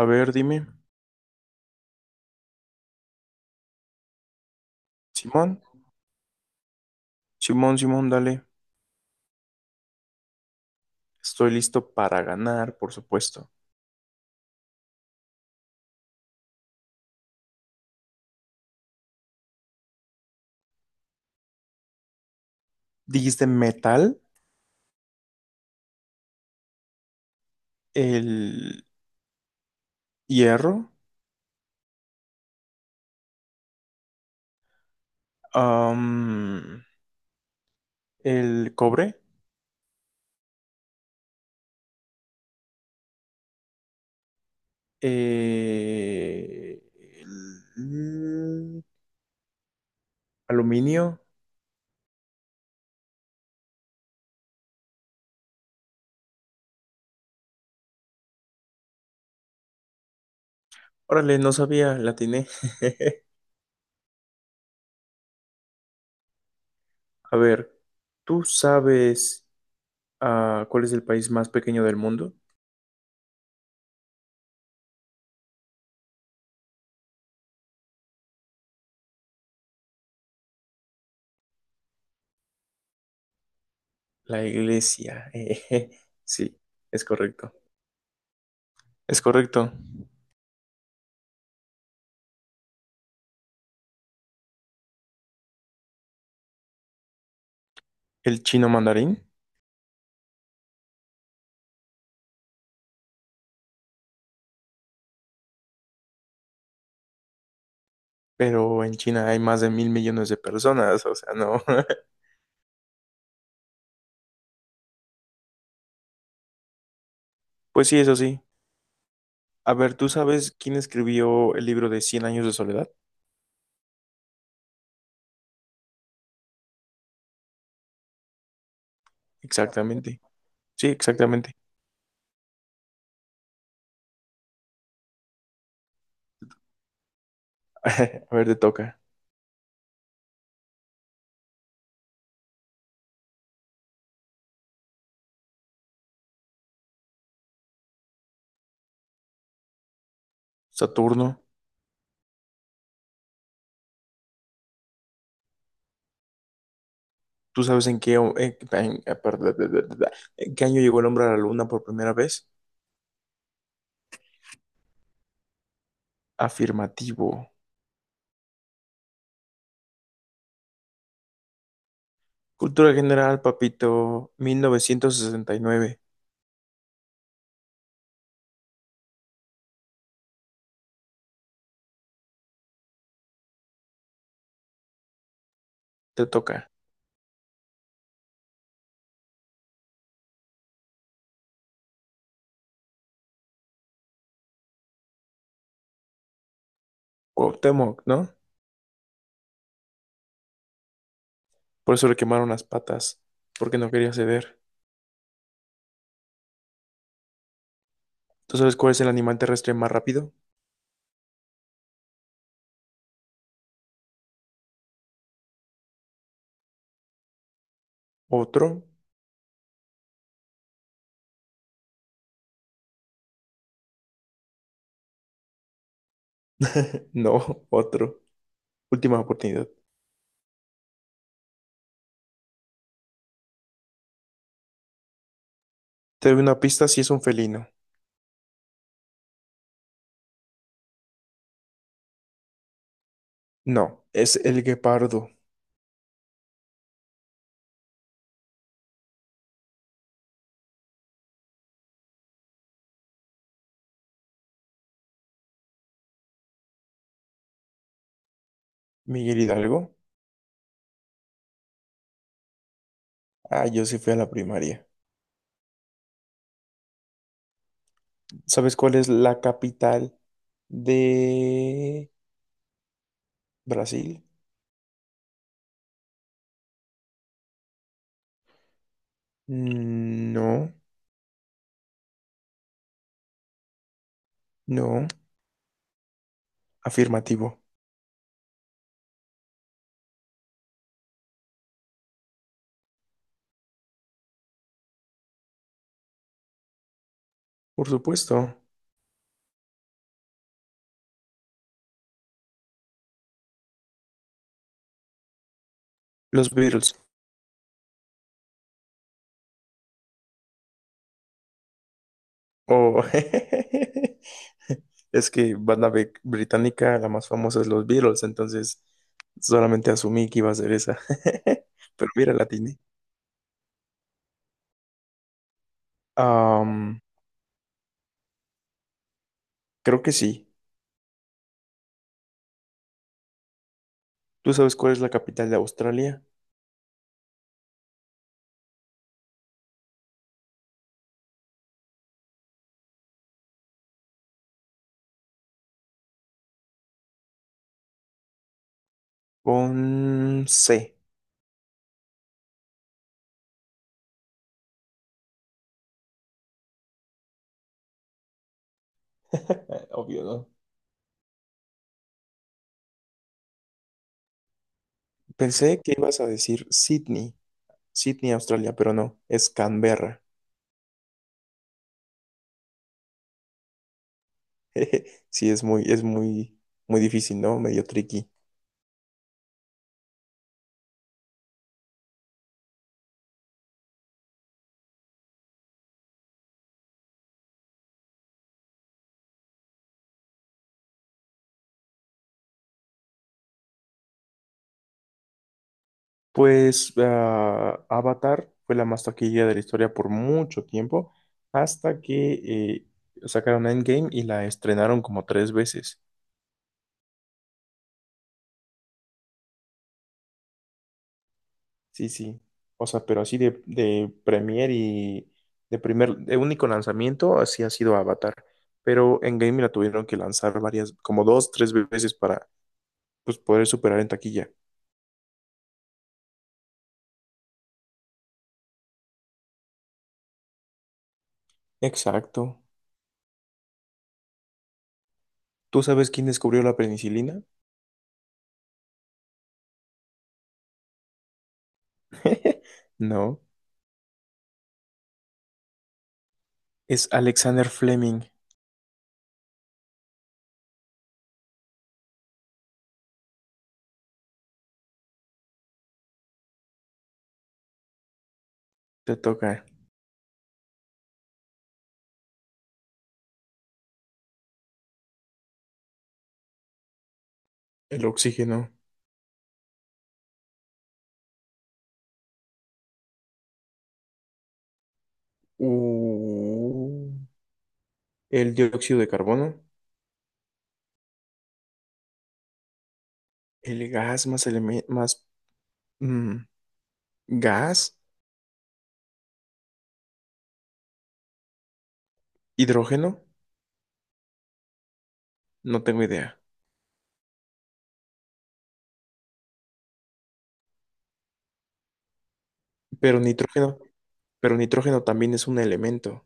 A ver, dime. Simón, Simón, Simón, dale. Estoy listo para ganar, por supuesto. Dijiste metal, el hierro, am, el cobre, el aluminio. Órale, no sabía, la atiné. A ver, ¿tú sabes cuál es el país más pequeño del mundo? La iglesia. Sí, es correcto. Es correcto. ¿El chino mandarín? Pero en China hay más de mil millones de personas, o sea, no. Pues sí, eso sí. A ver, ¿tú sabes quién escribió el libro de Cien años de soledad? Exactamente. Sí, exactamente. A ver, te toca. Saturno. ¿Tú sabes en qué, perdón, en qué año llegó el hombre a la luna por primera vez? Afirmativo. Cultura general, papito. 1969. Te toca. Cuauhtémoc, ¿no? Por eso le quemaron las patas, porque no quería ceder. ¿Tú sabes cuál es el animal terrestre más rápido? ¿Otro? No, otro. Última oportunidad. Te doy una pista si es un felino. No, es el guepardo. Miguel Hidalgo. Ah, yo sí fui a la primaria. ¿Sabes cuál es la capital de Brasil? Mm, no, no. Afirmativo. Por supuesto. Los Beatles. Oh. Es que banda británica, la más famosa es los Beatles, entonces solamente asumí que iba a ser esa. Pero mira, la tiene. Creo que sí. ¿Tú sabes cuál es la capital de Australia? Con C. Obvio, ¿no? Pensé que ibas a decir Sydney, Sydney, Australia, pero no, es Canberra. Sí, es muy, muy difícil, ¿no? Medio tricky. Pues Avatar fue la más taquilla de la historia por mucho tiempo, hasta que sacaron Endgame y la estrenaron como tres veces. Sí, sí. O sea, pero así de premier y de único lanzamiento, así ha sido Avatar. Pero Endgame la tuvieron que lanzar varias, como dos, tres veces para pues, poder superar en taquilla. Exacto. ¿Tú sabes quién descubrió la penicilina? No, es Alexander Fleming. Te toca. El oxígeno, u- el dióxido de carbono, el gas más, mm, gas, hidrógeno, no tengo idea. Pero nitrógeno, pero nitrógeno también es un elemento.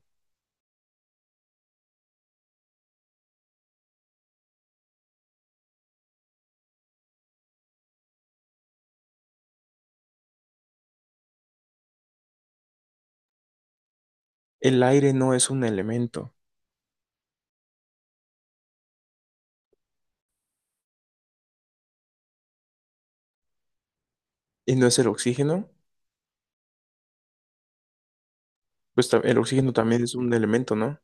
El aire no es un elemento. ¿Y no es el oxígeno? Pues el oxígeno también es un elemento, ¿no?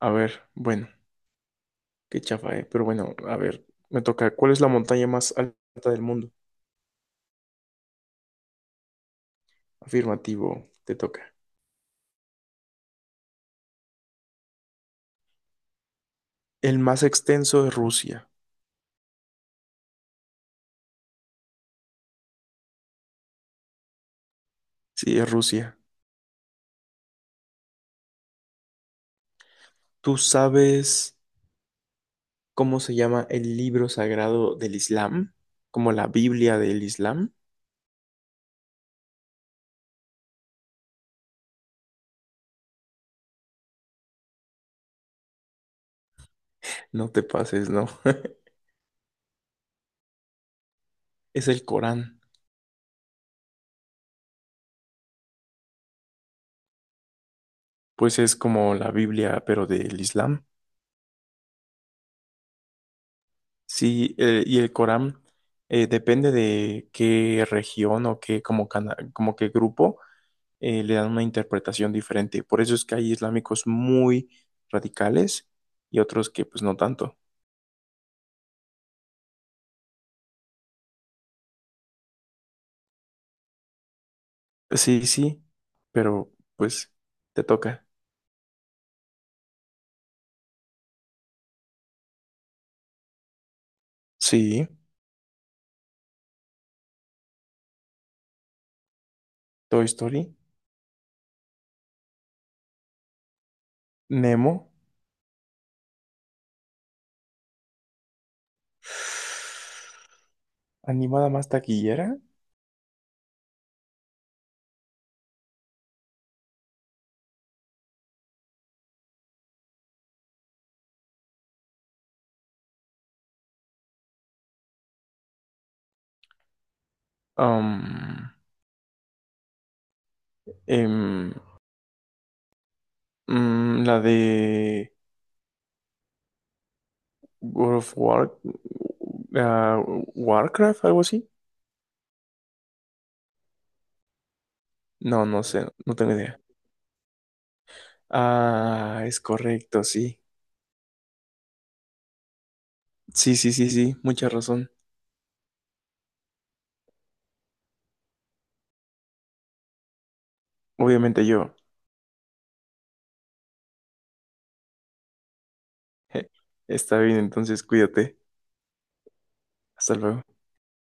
A ver, bueno, qué chafa, ¿eh? Pero bueno, a ver, me toca. ¿Cuál es la montaña más alta del mundo? Afirmativo, te toca. El más extenso es Rusia. Sí, es Rusia. ¿Tú sabes cómo se llama el libro sagrado del Islam? Como la Biblia del Islam. No te pases, ¿no? Es el Corán. Pues es como la Biblia, pero del Islam. Sí, y el Corán depende de qué región o qué, como, como qué grupo, le dan una interpretación diferente. Por eso es que hay islámicos muy radicales y otros que pues no tanto. Sí, sí, pero pues te toca. Sí. Toy Story, Nemo, animada más taquillera, am, em, la de World of War, ah, Warcraft, algo así. No, no sé, no tengo idea. Ah, es correcto, sí. Sí, sí, sí, sí, mucha razón. Obviamente yo. Está bien, entonces cuídate. Hasta luego.